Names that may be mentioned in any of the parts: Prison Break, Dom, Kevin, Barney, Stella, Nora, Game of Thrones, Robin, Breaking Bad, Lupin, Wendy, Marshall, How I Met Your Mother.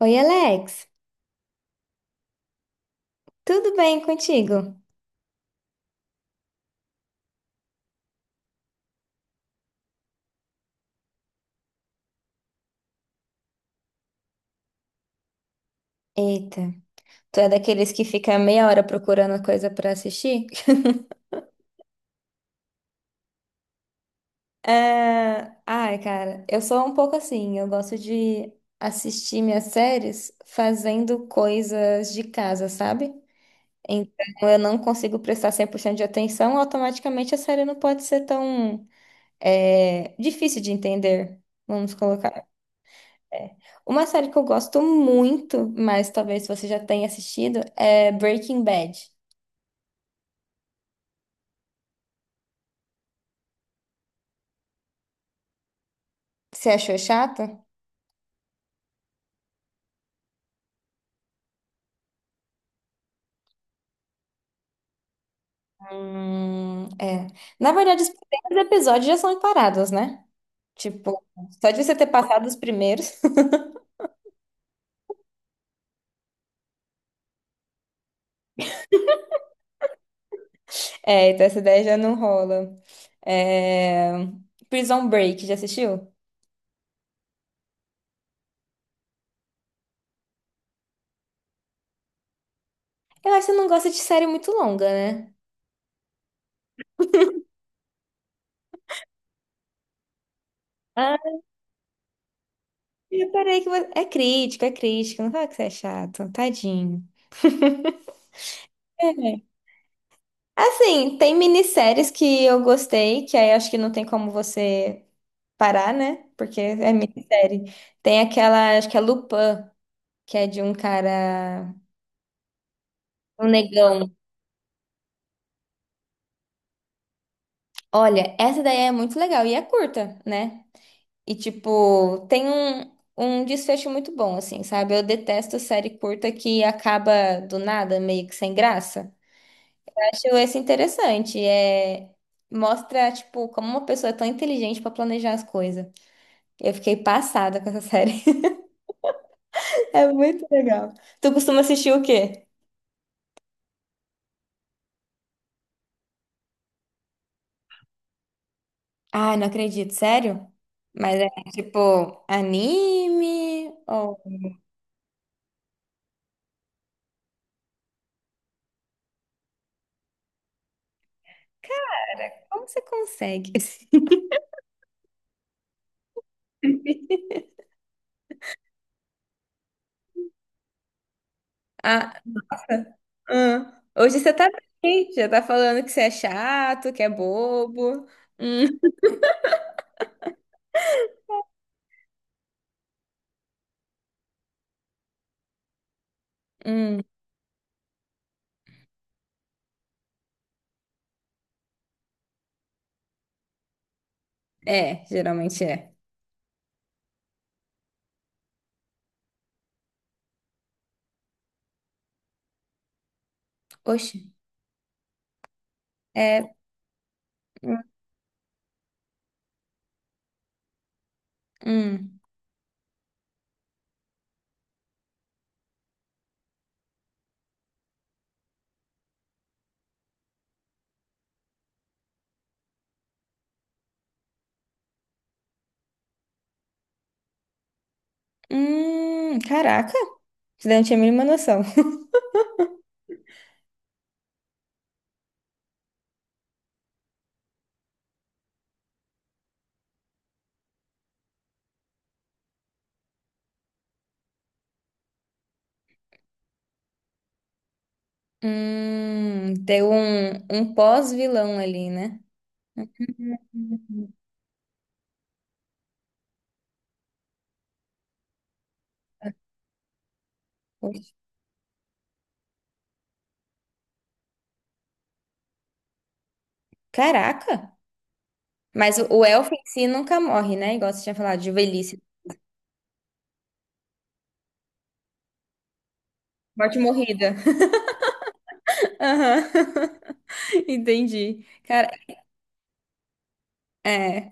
Oi, Alex, tudo bem contigo? Eita, tu é daqueles que fica meia hora procurando coisa pra assistir? É, ai, cara, eu sou um pouco assim, eu gosto de assistir minhas séries fazendo coisas de casa, sabe? Então eu não consigo prestar 100% de atenção, automaticamente a série não pode ser tão difícil de entender, vamos colocar. É. Uma série que eu gosto muito, mas talvez você já tenha assistido, é Breaking Bad. Você achou chato? É. Na verdade, os primeiros episódios já são encarados, né? Tipo, só de você ter passado os primeiros. É, então essa ideia já não rola. É... Prison Break, já assistiu? Eu acho que você não gosta de série muito longa, né? Ah, eu reparei que você... É crítico, é crítico. Não fala que você é chato. Tadinho. É, assim, tem minisséries que eu gostei, que aí acho que não tem como você parar, né? Porque é minissérie. Tem aquela, acho que é Lupin, que é de um cara, um negão. Olha, essa daí é muito legal e é curta, né? E tipo, tem um desfecho muito bom, assim, sabe? Eu detesto série curta que acaba do nada, meio que sem graça. Eu acho esse interessante. É, mostra, tipo, como uma pessoa é tão inteligente pra planejar as coisas. Eu fiquei passada com essa série. É muito legal. Tu costuma assistir o quê? Ah, não acredito, sério? Mas é tipo anime ou como você consegue? Ah, hum. Hoje você tá bem, já tá falando que você é chato, que é bobo. Hum, hum. É, geralmente é. Oxe, é. Hum, hum. Caraca, você não tinha a mínima noção. Tem um pós-vilão ali, né? Uhum. Caraca! Mas o elfo em si nunca morre, né? Igual você tinha falado, de velhice. Morte morrida. Aham. Entendi. Cara, é.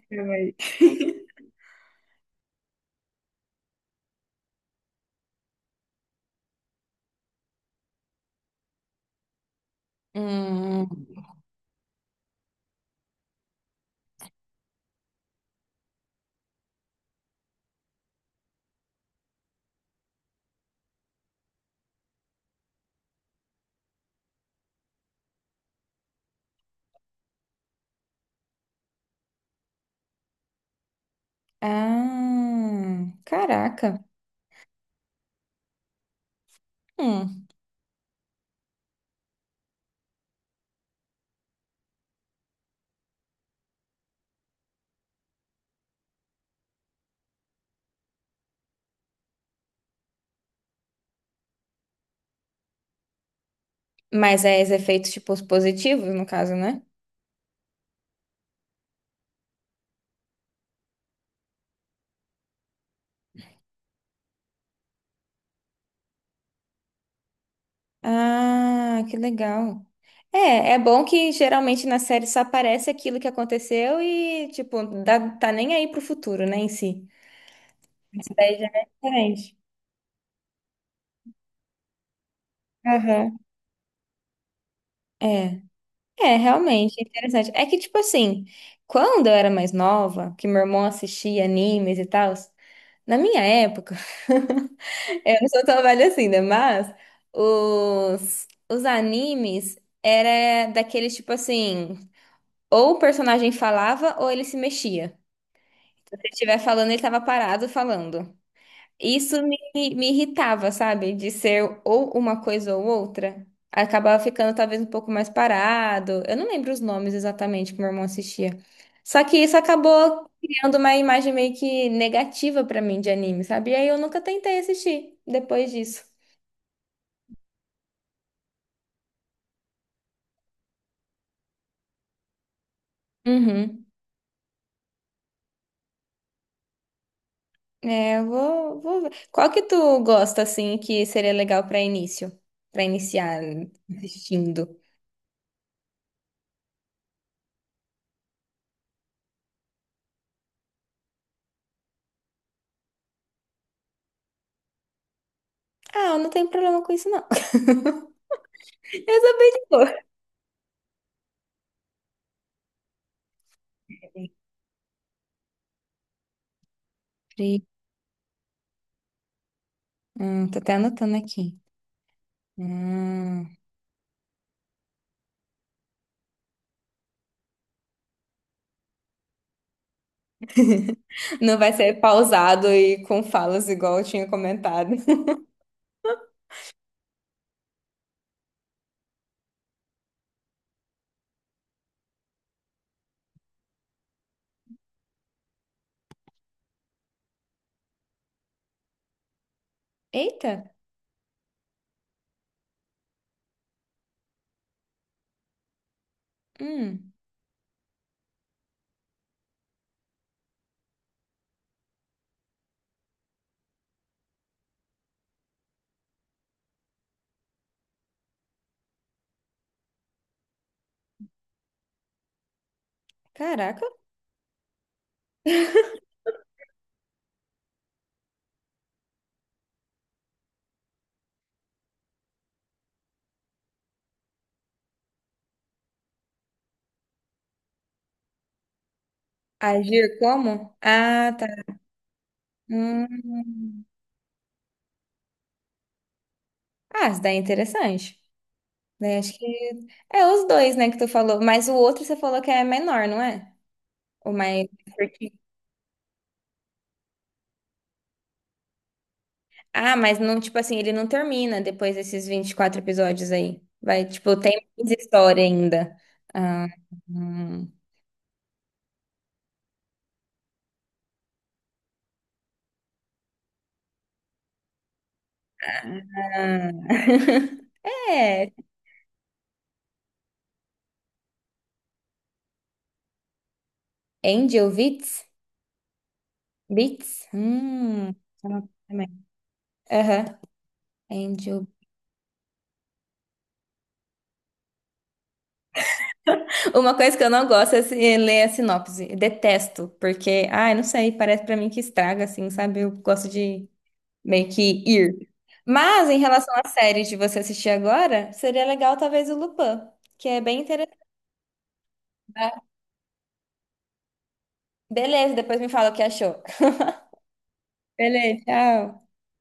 Hum. Ah, caraca. Hum. Mas é os efeitos, tipo, os positivos, no caso, né? Ah, que legal. É, é bom que geralmente na série só aparece aquilo que aconteceu e, tipo, tá nem aí pro futuro, né, em si. Isso daí já é diferente. Aham. É. É, realmente, interessante. É que, tipo assim, quando eu era mais nova, que meu irmão assistia animes e tal, na minha época, eu não sou tão velha assim, né? Mas os animes era daqueles, tipo assim, ou o personagem falava ou ele se mexia. Se ele estiver falando, ele tava parado falando. Isso me, Me irritava, sabe? De ser ou uma coisa ou outra. Acabava ficando talvez um pouco mais parado. Eu não lembro os nomes exatamente que meu irmão assistia. Só que isso acabou criando uma imagem meio que negativa pra mim de anime, sabe? E aí eu nunca tentei assistir depois disso. Uhum. É, vou ver. Qual que tu gosta, assim, que seria legal pra início? Pra iniciar assistindo? Ah, eu não tenho problema com isso, não. Eu sou bem de boa. Pri- tô até anotando aqui. Hum. Não vai ser pausado e com falas igual eu tinha comentado. Eita! Hum. Caraca! Agir como? Ah, tá. Hum. Ah, isso daí é interessante. Daí acho que... É os dois, né, que tu falou. Mas o outro você falou que é menor, não é? O mais curtinho. Ah, mas não, tipo assim, ele não termina depois desses 24 episódios aí. Vai, tipo, tem mais história ainda. Ah, hum. É. Angel Witz? Beats? Anotei também. Aham. Angel. Uma coisa que eu não gosto é é ler a sinopse. Eu detesto, porque, ai, não sei, parece pra mim que estraga, assim, sabe? Eu gosto de meio que ir. Mas, em relação à série de você assistir agora, seria legal talvez o Lupin, que é bem interessante. Beleza, depois me fala o que achou. Beleza, tchau.